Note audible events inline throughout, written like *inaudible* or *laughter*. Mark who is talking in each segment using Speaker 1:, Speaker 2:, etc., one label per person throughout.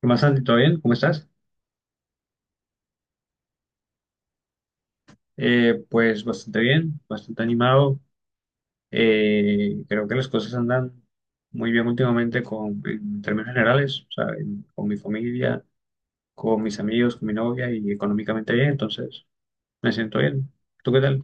Speaker 1: ¿Qué más, Santi? ¿Todo bien? ¿Cómo estás? Pues bastante bien, bastante animado. Creo que las cosas andan muy bien últimamente en términos generales, o sea, con mi familia, con mis amigos, con mi novia y económicamente bien, entonces me siento bien. ¿Tú qué tal?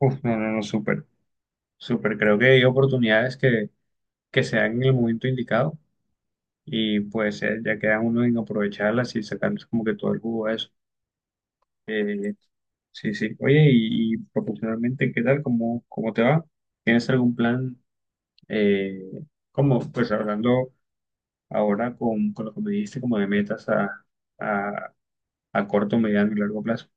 Speaker 1: Uf, no, no, no, súper, súper. Creo que hay oportunidades que se dan en el momento indicado y pues ya queda uno en aprovecharlas y sacarles como que todo el jugo a eso. Sí, sí. Oye, y profesionalmente, ¿qué tal? Cómo te va? ¿Tienes algún plan? Eh, ¿Cómo? Pues hablando ahora con lo que me dijiste, como de metas a, a corto, mediano y largo plazo.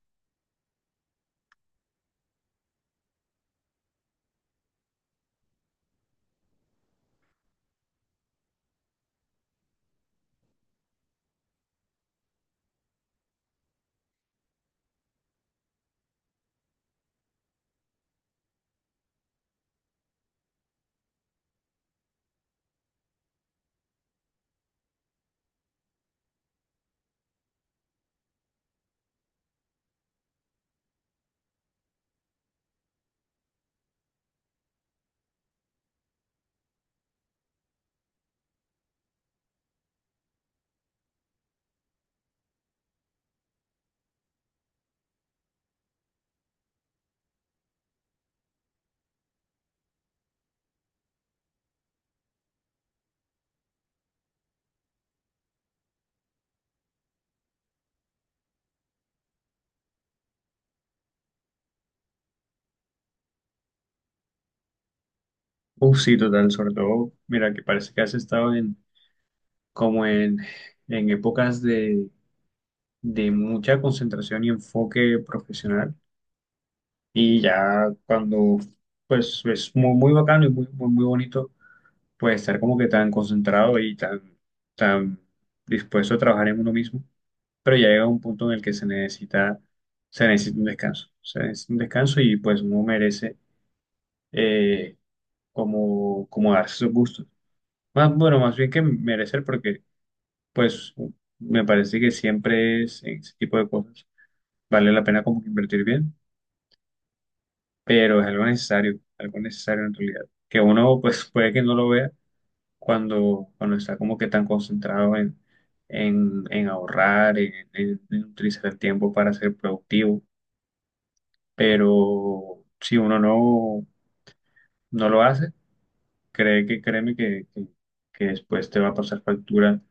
Speaker 1: Uf, sí, total, sobre todo, mira, que parece que has estado como en épocas de mucha concentración y enfoque profesional. Y ya pues, es muy, muy bacano y muy, muy, muy bonito pues estar como que tan concentrado y tan, tan dispuesto a trabajar en uno mismo, pero ya llega un punto en el que se necesita un descanso, se necesita un descanso y pues uno merece eh, como darse sus gustos. Más, bueno, más bien que merecer porque pues me parece que siempre es en ese tipo de cosas, vale la pena como que invertir bien, pero es algo necesario en realidad, que uno pues puede que no lo vea cuando está como que tan concentrado en ahorrar, en utilizar el tiempo para ser productivo. Pero si uno no, no lo hace, créeme que después te va a pasar factura,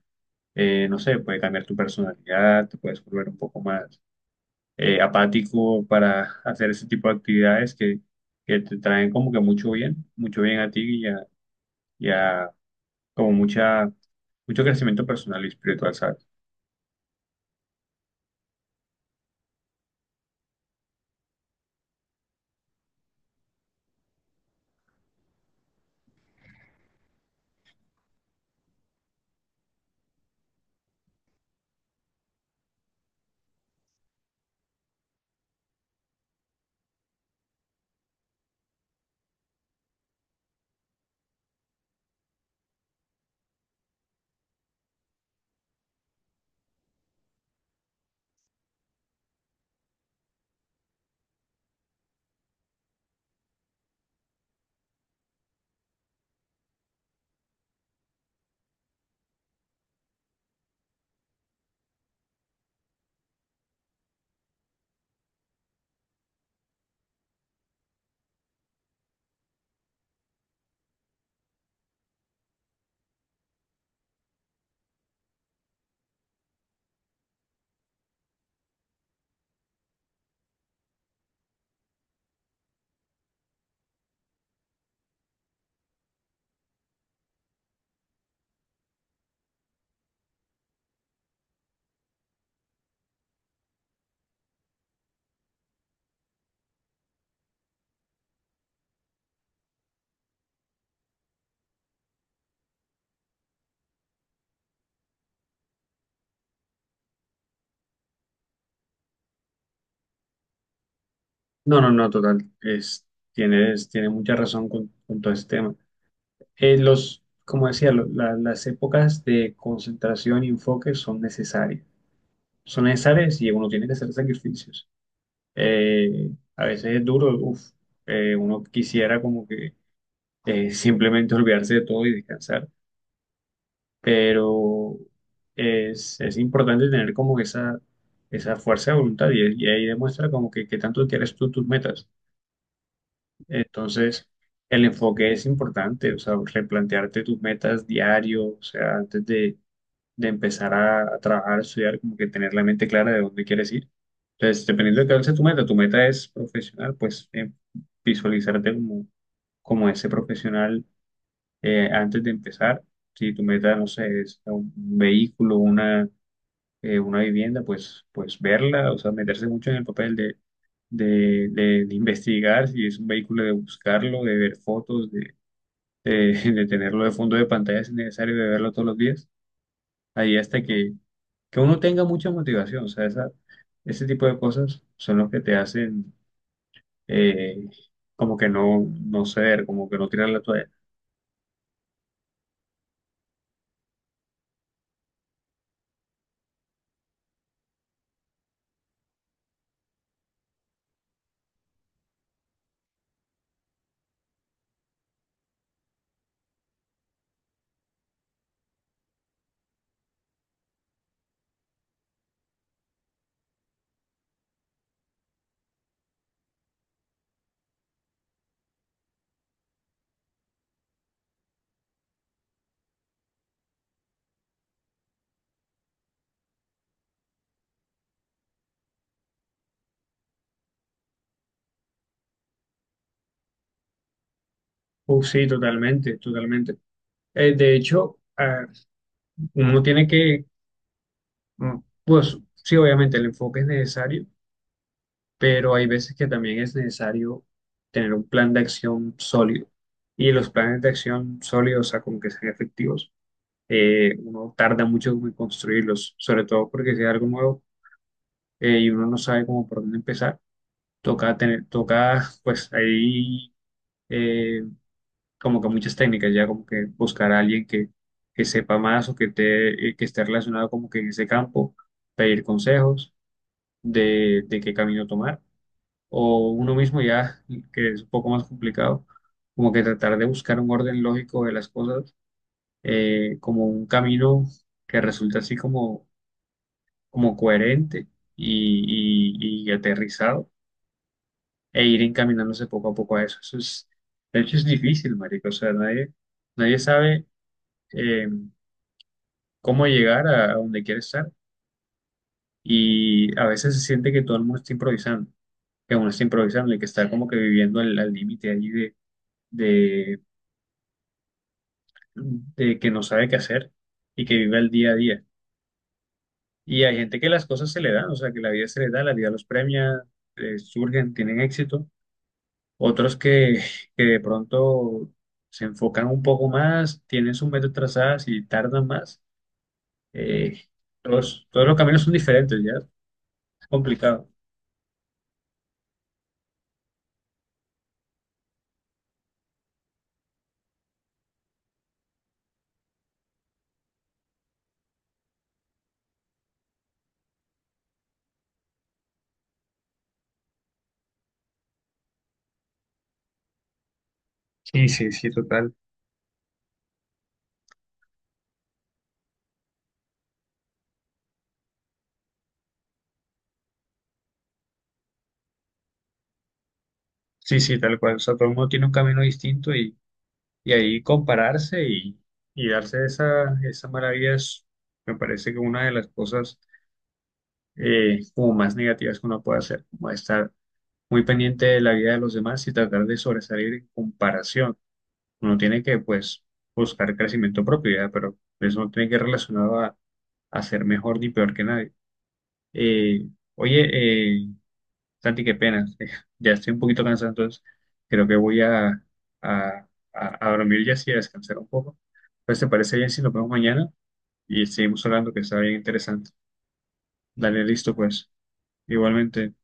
Speaker 1: no sé, puede cambiar tu personalidad, te puedes volver un poco más apático para hacer ese tipo de actividades que te traen como que mucho bien a ti y a como mucha, mucho crecimiento personal y espiritual, ¿sabes? No, no, no, total. Es, tienes, tiene mucha razón con todo este tema. Como decía, las épocas de concentración y enfoque son necesarias. Son necesarias y uno tiene que hacer sacrificios. Eh, a veces es duro, uf, uno quisiera como que simplemente olvidarse de todo y descansar, pero es importante tener como esa fuerza de voluntad y ahí demuestra como que tanto quieres tú tus metas. Entonces, el enfoque es importante, o sea, replantearte tus metas diario, o sea, antes de empezar a trabajar, a estudiar, como que tener la mente clara de dónde quieres ir. Entonces, dependiendo de cuál sea tu meta es profesional, pues visualizarte como ese profesional antes de empezar. Si tu meta, no sé, es un vehículo, una vivienda, pues, pues verla, o sea, meterse mucho en el papel de investigar si es un vehículo, de buscarlo, de ver fotos, de, *laughs* de tenerlo de fondo de pantalla si es necesario, de verlo todos los días, ahí hasta que uno tenga mucha motivación, o sea, esa, ese tipo de cosas son los que te hacen eh, como que no, no ceder, como que no tirar la toalla. Sí, totalmente, totalmente. De hecho, ah, uno tiene mm, pues sí, obviamente el enfoque es necesario, pero hay veces que también es necesario tener un plan de acción sólido. Y los planes de acción sólidos, o sea, como que sean efectivos, uno tarda mucho en construirlos, sobre todo porque si es algo nuevo y uno no sabe cómo por dónde empezar, toca, pues ahí eh, como que muchas técnicas, ya como que buscar a alguien que sepa más o que esté relacionado como que en ese campo, pedir consejos de qué camino tomar o uno mismo ya, que es un poco más complicado, como que tratar de buscar un orden lógico de las cosas, como un camino que resulta así como, como coherente y aterrizado, e ir encaminándose poco a poco a eso. Eso es, de hecho es difícil, marico, o sea, nadie, nadie sabe eh, cómo llegar a donde quiere estar y a veces se siente que todo el mundo está improvisando, que uno está improvisando y que está como que viviendo al límite ahí de de que no sabe qué hacer y que vive el día a día. Y hay gente que las cosas se le dan, o sea, que la vida se le da, la vida los premia, surgen, tienen éxito. Otros que, *laughs* que de pronto se enfocan un poco más, tienen sus metas trazadas y tardan más. Eh, Todos, todos los caminos son diferentes, ya. Es complicado. Sí, sí, sí, total. Sí, sí, tal cual. O sea, todo el mundo tiene un camino distinto y ahí compararse y darse esa, esa maravilla es- me parece que una de las cosas como más negativas que uno puede hacer, como estar muy pendiente de la vida de los demás y tratar de sobresalir en comparación. Uno tiene que, pues, buscar crecimiento propio, ya, pero eso no tiene que ir relacionado a ser mejor ni peor que nadie. Eh, Oye, Santi, qué pena, *laughs* ya estoy un poquito cansado, entonces creo que voy a dormir ya así, a descansar un poco. Pues, ¿te parece bien si nos vemos mañana? Y seguimos hablando, que está bien interesante. Dale, listo, pues. Igualmente.